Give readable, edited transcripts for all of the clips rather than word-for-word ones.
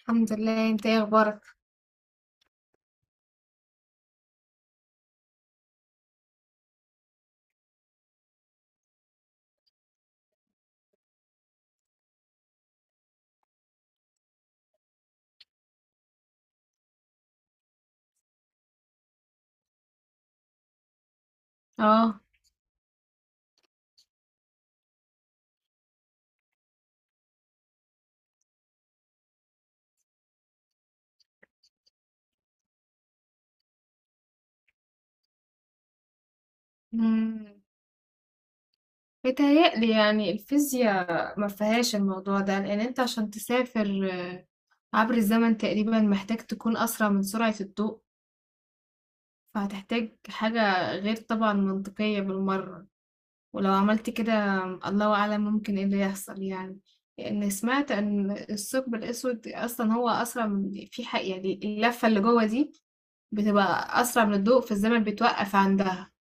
الحمد لله، انت ايه اخبارك؟ اه. امم بيتهيألي يعني الفيزياء ما فيهاش الموضوع ده، لان انت عشان تسافر عبر الزمن تقريبا محتاج تكون اسرع من سرعة الضوء. فهتحتاج حاجة غير طبعا منطقية بالمرة. ولو عملت كده الله اعلم ممكن ايه اللي يحصل يعني. لان سمعت ان الثقب الاسود اصلا هو اسرع من في حق، يعني اللفة اللي جوه دي بتبقى اسرع من الضوء، فالزمن بيتوقف عندها.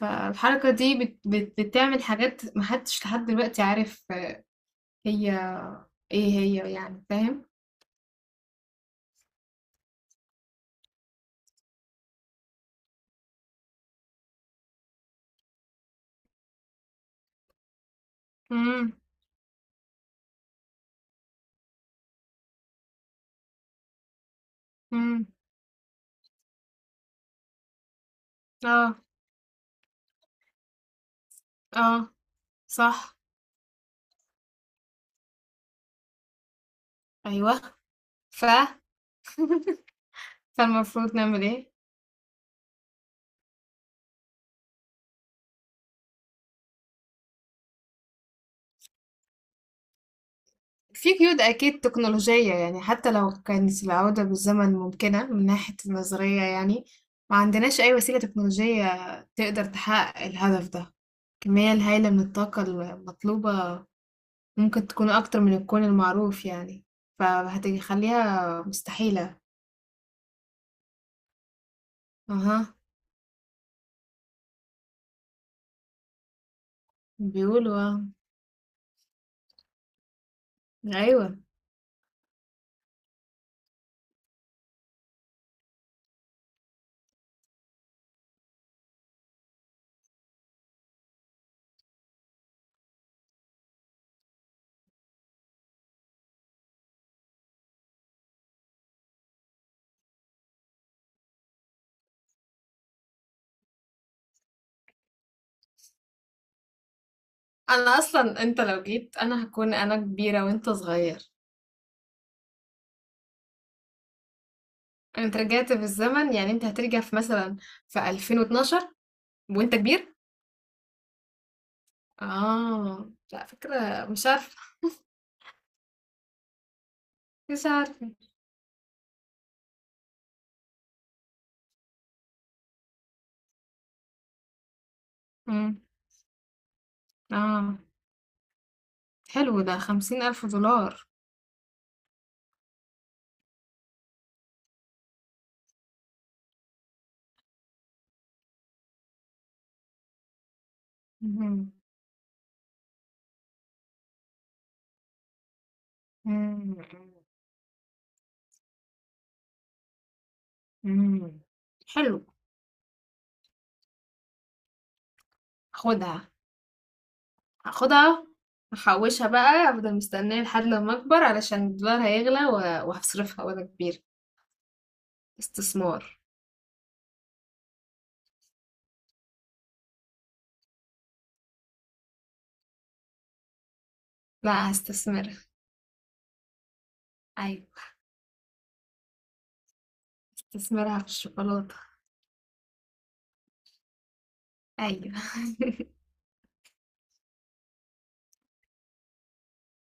فالحركة دي بت بت بتعمل حاجات محدش لحد دلوقتي عارف هي ايه هي، يعني فاهم؟ امم، امم، اه، اه، صح، ايوه. ف فالمفروض نعمل ايه؟ في قيود اكيد تكنولوجية، يعني حتى لو كانت العودة بالزمن ممكنة من ناحية النظرية، يعني ما عندناش اي وسيلة تكنولوجية تقدر تحقق الهدف ده. الكمية الهائلة من الطاقة المطلوبة ممكن تكون أكتر من الكون المعروف يعني، فهتخليها مستحيلة. أها. بيقولوا آه. أيوة. أنا أصلا أنت لو جيت أنا هكون أنا كبيرة وأنت صغير. أنت رجعت في الزمن، يعني أنت هترجع في مثلا في 2012 وأنت كبير. آه، لا فكرة، مش عارفة، مش عارفة. مم. آه. حلو، ده 50,000 دولار. مم. مم. مم. حلو. خدها. هاخدها. هحوشها بقى، افضل مستنية لحد لما اكبر علشان الدولار هيغلى وهصرفها وانا كبير. استثمار. لا، هستثمرها. ايوه. هستثمرها في الشوكولاتة. ايوه.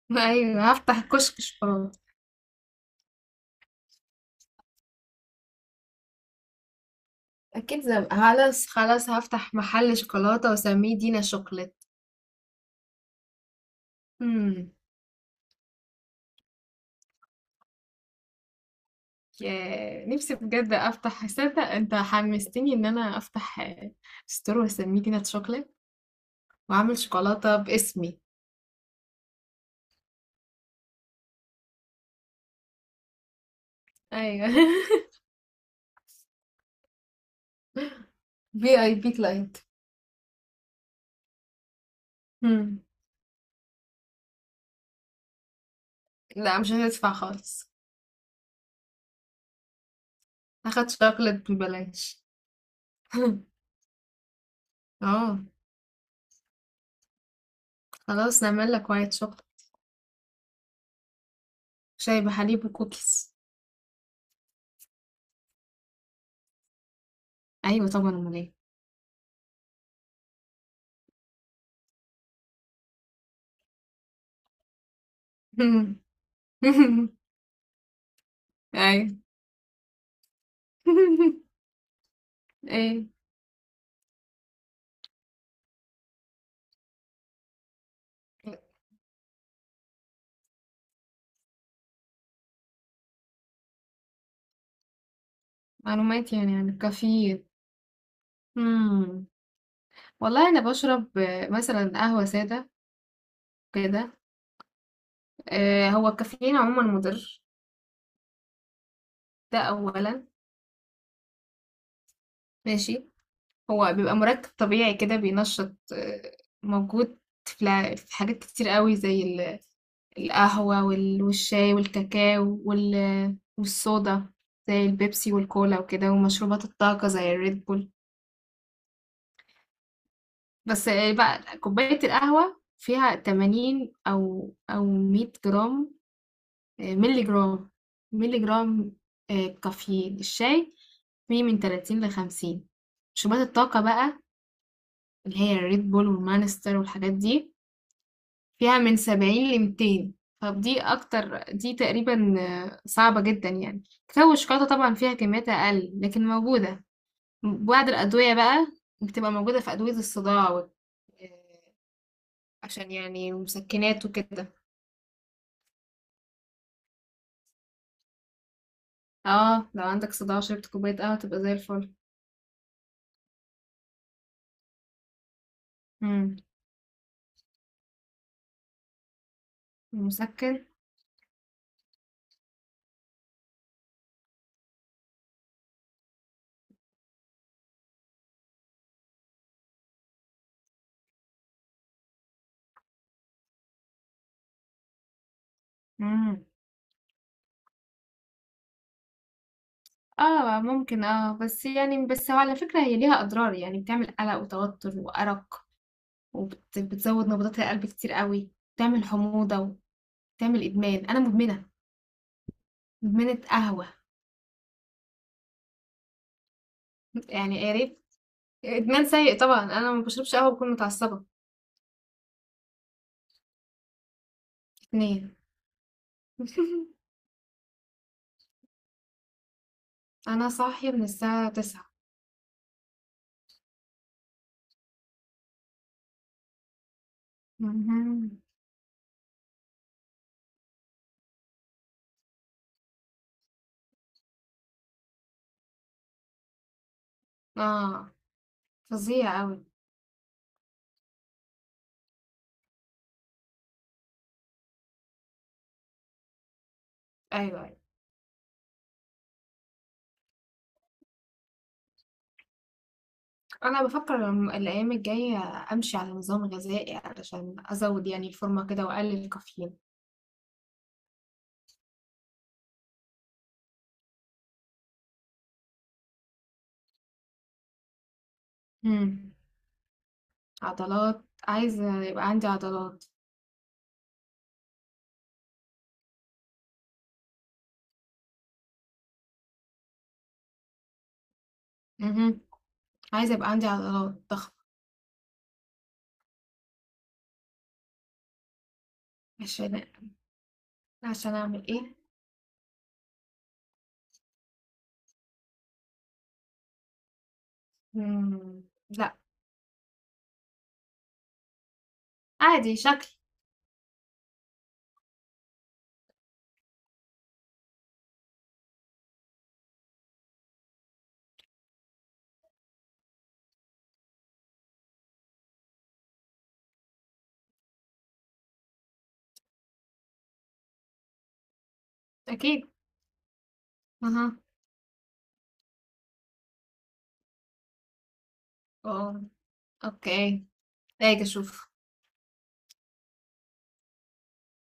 ايوه، هفتح كشك شوكولاتة. اكيد زي خلاص خلاص، هفتح محل شوكولاتة واسميه دينا شوكليت. امم. يا نفسي بجد افتح، تصدق انت حمستني ان انا افتح آه، ستور واسميه دينا شوكليت. واعمل شوكولاتة باسمي. ايوه. في اي بي كلاينت. مم. لا، مش هتدفع خالص. هاخد شوكليت ببلاش. اه. خلاص نعمل لك وايت شوكليت. شاي بحليب وكوكيز. ايوه طبعا، امال ايه؟ ايوه. ايه؟ معلومات يعني عن الكافيين. مم. والله انا بشرب آه، مثلا قهوة سادة كده. آه، هو الكافيين عموما مضر. ده اولا. ماشي. هو بيبقى مركب طبيعي كده، بينشط آه، موجود في في حاجات كتير قوي زي القهوة والشاي والكاكاو والصودا، زي البيبسي والكولا وكده، ومشروبات الطاقة زي الريد بول. بس آه، بقى كوباية القهوة فيها 80 أو 100 جرام. آه، ملي جرام، ملي جرام. آه، كافيين الشاي فيه من 30 ل 50. مشروبات الطاقة بقى، اللي هي الريد بول والمانستر والحاجات دي فيها من 70 ل 200. طب دي اكتر، دي تقريبا آه، صعبة جدا يعني. كاكاو والشوكولاتة طبعا فيها كميات اقل لكن موجودة. بعض الادوية بقى بتبقى موجودة في ادوية الصداع آه، عشان يعني مسكنات وكده. اه، لو عندك صداع وشربت كوباية قهوة تبقى زي الفل. امم. مسكن. امم. اه، ممكن، اه. بس يعني، بس هو على فكرة هي ليها اضرار، يعني بتعمل قلق وتوتر وارق، وبتزود نبضات القلب كتير قوي، بتعمل حموضة، تعمل إدمان، أنا مدمنة، مدمنة قهوة، يعني يا ريت. إدمان سيء طبعًا، أنا ما باشربش قهوة باكون متعصبة. 2. أنا صاحية من الساعة 09:00. اهم. آه، فظيع أوي. أيوه، أيوه. أنا بافكر م الأيام الجاية أمشي على نظام غذائي علشان أزوّد يعني الفورمة كده وأقلل الكافيين. إمم. عضلات. عايزة يبقى عندي عضلات. اهم. عايزة يبقى عندي عضلات ضخمة. عشان عشان أعمل إيه؟ إمم. لأ. عادي شكل. أكيد. أها. آه. أوكي. هاجي أشوف.